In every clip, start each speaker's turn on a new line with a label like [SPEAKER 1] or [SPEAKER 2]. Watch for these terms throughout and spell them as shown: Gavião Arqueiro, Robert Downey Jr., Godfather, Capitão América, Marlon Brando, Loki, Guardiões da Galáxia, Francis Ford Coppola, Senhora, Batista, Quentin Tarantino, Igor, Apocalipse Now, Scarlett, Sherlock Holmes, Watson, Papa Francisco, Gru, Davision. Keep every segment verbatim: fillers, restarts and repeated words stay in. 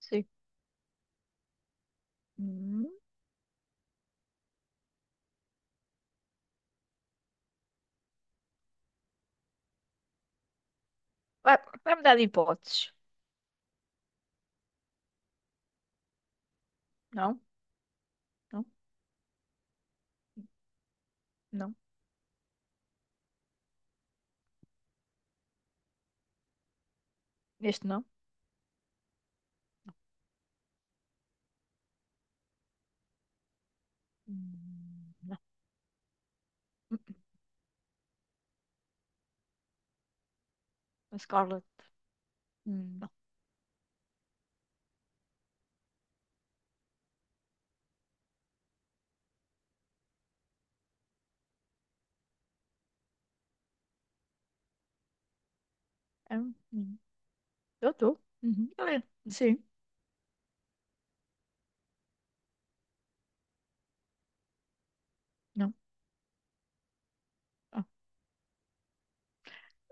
[SPEAKER 1] Sim. Hum. Vai, vai-me dar de hipóteses. Não, não, não. Este não. Hum, não. Hum, hum. A Scarlett. Hum, Não. É, um- hum. Eu estou. Uhum. Ele é. Sim. Não. Ah.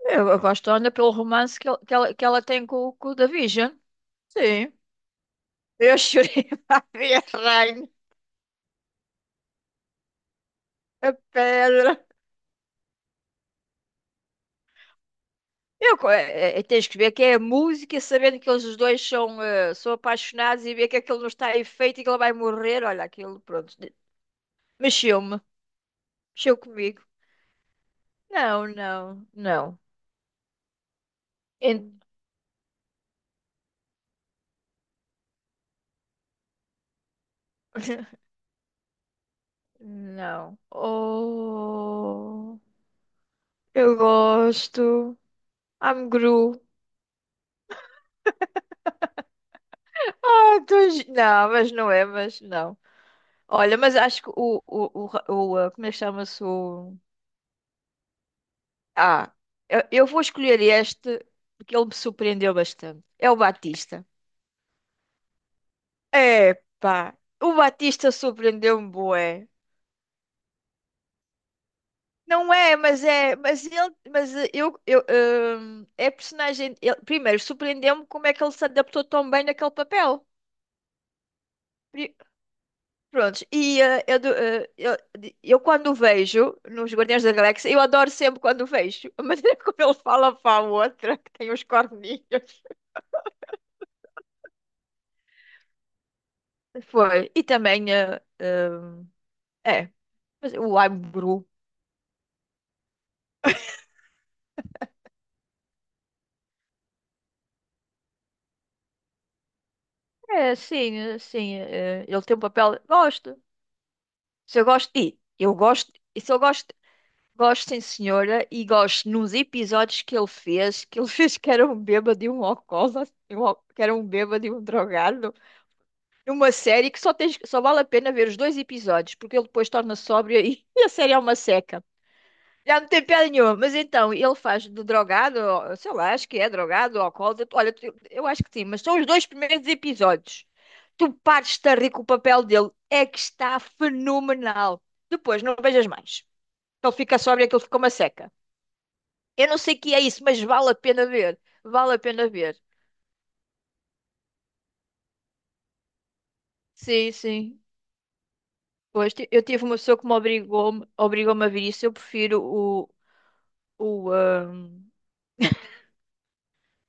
[SPEAKER 1] Eu, eu gosto ainda pelo romance que, ele- que, ela, que ela tem com, o- com o Davision. Sim. Eu chorei a ver a rainha, a pedra. Eu, co- é, é, é, Tens que ver que é a música, sabendo que eles os dois são, eh, são apaixonados e ver que aquilo não está em feito e que ela vai morrer. Olha, aquilo, pronto, de- mexeu-me. Mexeu comigo? Não, não, não. En- Não. Oh, eu gosto. I'm Gru. Ah, tô... gi- Não, mas não é, mas não. Olha, mas acho que o, o, o, ra- o, ah, como é que chama-se o... Ah, eu, eu vou escolher este porque ele me surpreendeu bastante. É o Batista. É, pá. O Batista surpreendeu-me bué. Não é, mas é, mas ele, mas eh, eu, eu, hum, é personagem. Ele- primeiro, surpreendeu-me como é que ele se adaptou tão bem naquele papel. Pri- Prontos, e eh, eu, do- eh, eu, eu quando o vejo nos Guardiões da Galáxia, eu adoro sempre quando o vejo. A maneira como ele fala para a outra, que tem os corninhos. Foi, e também, eh, hum, é, mas o I'm Gru. É, sim, eh, sim, eh, ele tem um papel, gosto. Se eu gosto, e eu gosto, e se eu gosto. Gosto em Senhora e gosto nos episódios que ele fez, que ele fez que era um bêbado e um alcoólatra, e um al- que era um bêbado e um drogado, numa série que só, tens, só vale a pena ver os dois episódios, porque ele depois torna sóbrio e, e a série é uma seca. Já não tem piada nenhuma, mas então, ele faz de drogado, ou- sei lá, acho que é drogado ou alcoólatra, olha, tu- eu acho que sim, mas são os dois primeiros episódios. Tu partes-te a rir com o papel dele, é que está fenomenal. Depois não vejas mais. Ele fica sóbrio, e aquilo fica uma seca. Eu não sei o que é isso, mas vale a pena ver. Vale a pena ver. Sim, sim. Pois, ti- eu tive uma pessoa que me obrigou-me obrigou-me a ver isso. Eu prefiro o. o ahm,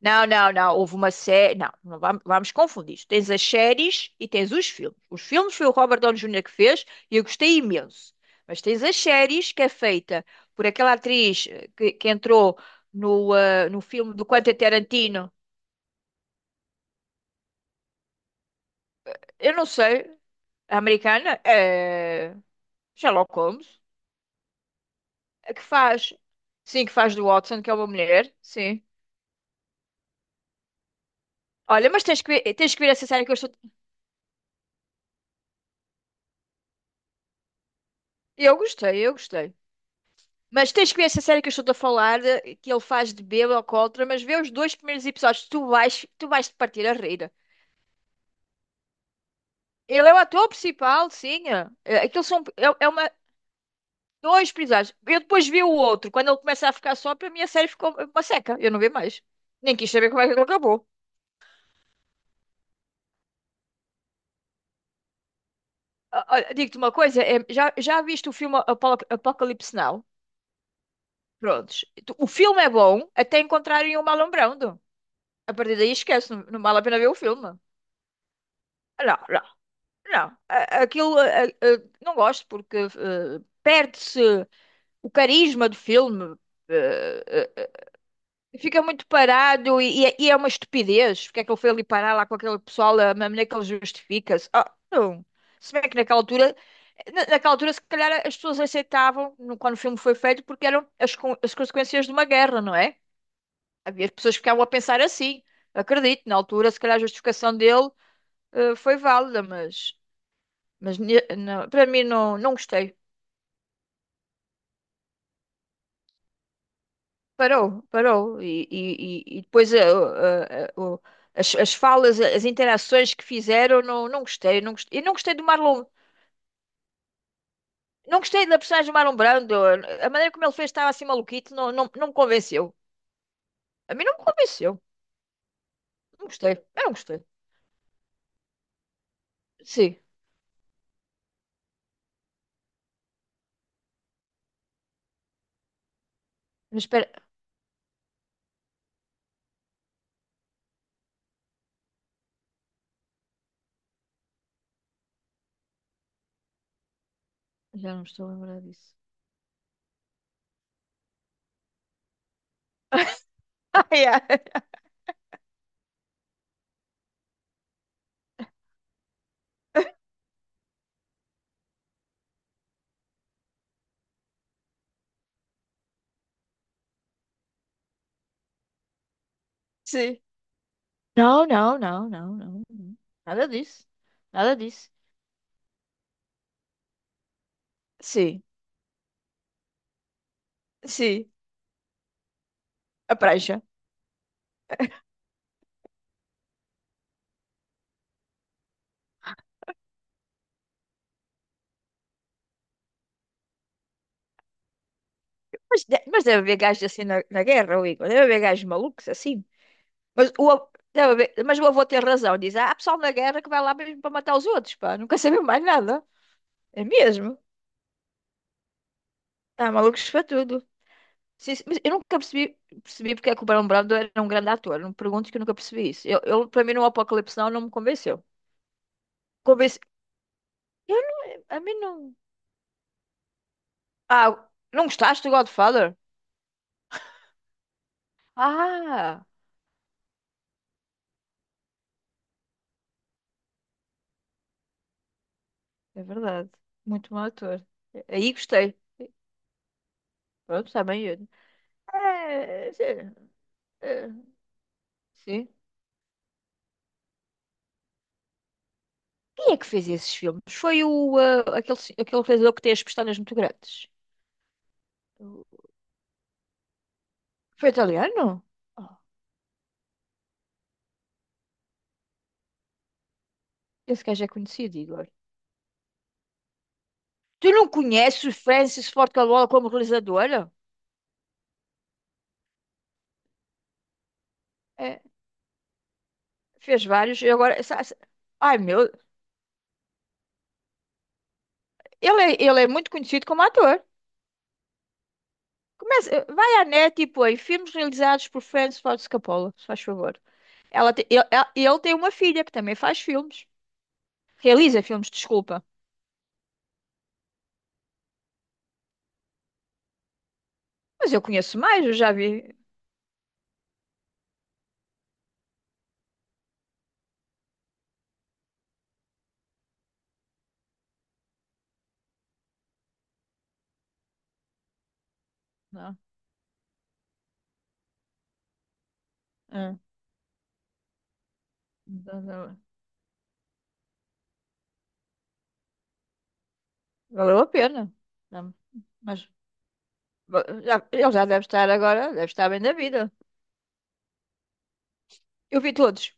[SPEAKER 1] Não, não, não. Houve uma série. Não, não vamos, vamos confundir isto. Tens as séries e tens os filmes. Os filmes foi o Robert Downey júnior que fez e eu gostei imenso. Mas tens as séries que é feita por aquela atriz eh, que, que entrou no, ah, no filme do Quentin Tarantino. Eu não sei. A americana? É. Sherlock Holmes. A que faz. Sim, que faz do Watson, que é uma mulher. Sim. Olha, mas tens que ver, tens que ver essa série que eu estou. Eu gostei, eu gostei. Mas tens que ver essa série que eu estou a falar, eh, que ele faz de bêbado alcoólatra, mas vê os dois primeiros episódios, tu vais, tu vais te partir a rir. Ele é o ator principal, sim. é. Eh, Aquilo são, é, é uma, dois episódios. Eu depois vi o outro, quando ele começa a ficar só, para mim a série ficou uma seca. Eu não vi mais. Nem quis saber como é que ele acabou. Ah, olha, digo-te uma coisa, eh, já, já viste o filme Apo- Apocalipse Now? Prontos. O filme é bom até encontrarem o Marlon Brando. A partir daí esquece, não, não vale a pena ver o filme. Não, não, não. A- Aquilo, a- a- não gosto porque eh, perde-se o carisma do filme. Eh, eh, eh, Fica muito parado e, e é e é uma estupidez. Porque é que ele foi ali parar lá com aquele pessoal, a maneira que ele justifica-se. Ah, não. Se bem que naquela altura, na- naquela altura, se calhar as pessoas aceitavam no- quando o filme foi feito porque eram as, con- as consequências de uma guerra, não é? Havia pessoas que ficavam a pensar assim. Acredito, na altura, se calhar a justificação dele eh, foi válida, mas, mas ne- na- para mim não, não gostei. Parou, parou. E, e- e- e depois eh, o- eh, o- as, as falas, as interações que fizeram, não, não gostei, não gostei. E não gostei do Marlon, não gostei da personagem do Marlon Brando. A maneira como ele fez estava assim maluquito, não, não, não me convenceu. A mim não me convenceu. Não gostei, eu não gostei. Sim, mas espera, já não estou a lembrar disso. Ah, yeah. Sim. Não, não, não, não, não. não. Nada disso. Nada disso. Sim, sim. A prancha. Mas, de- mas deve haver gajos assim na, na guerra, o Igor. Deve haver gajos malucos assim. Mas o, av- deve haver- mas o avô tem razão. Diz, ah, há pessoal na guerra que vai lá mesmo para matar os outros, pá. Nunca sabemos mais nada. É mesmo. Há malucos para tudo. Sim, sim, mas eu nunca percebi, percebi porque é que o Barão Brando era um grande ator. Não me perguntes que eu nunca percebi isso. Eu, eu, para mim, no Apocalipse Now não me convenceu. Convence... Eu não... A mim não... Ah, não gostaste do Godfather? Ah, é verdade. Muito bom ator. Aí gostei. Pronto, também. eu- É, é, é, sim. Quem é que fez esses filmes? Foi o, ah, aquele, se- aquele realizador que tem as pestanas muito grandes. O- Foi italiano? Oh, esse gajo é conhecido, Igor. Tu não conheces o Francis Ford Coppola como realizador? É, fez vários. E agora, sa- sa- ai meu, ele é, ele é muito conhecido como ator. Começa, vai à net e põe filmes realizados por Francis Ford Coppola, se faz favor. Ela te- eu, ela- e ele tem uma filha que também faz filmes. Realiza filmes, desculpa. Mas eu conheço mais, eu já vi. Não. é, então, não- Valeu a pena. Não, Mas va- já, ele já deve estar agora, deve estar bem da vida. Eu vi todos.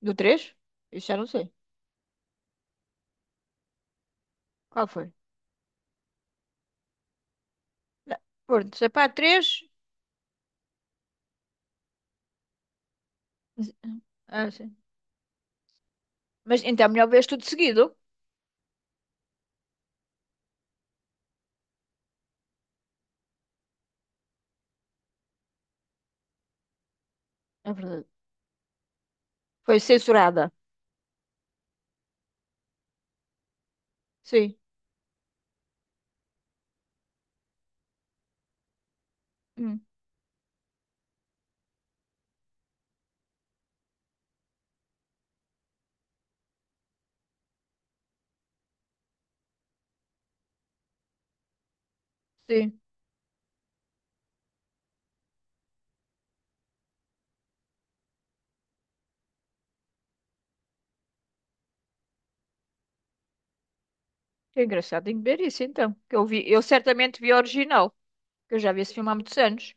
[SPEAKER 1] Do três. Isso já não sei. Qual foi? Não, pronto, sei para três. Ah, sim. Mas então é melhor vês tudo seguido. É verdade. Foi censurada. Sim. Hum, sim. Que engraçado, tenho que ver isso então. Que eu vi, eu certamente vi a original. Eu já vi esse filme há muitos anos.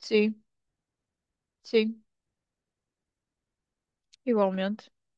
[SPEAKER 1] Sim, sim, igualmente.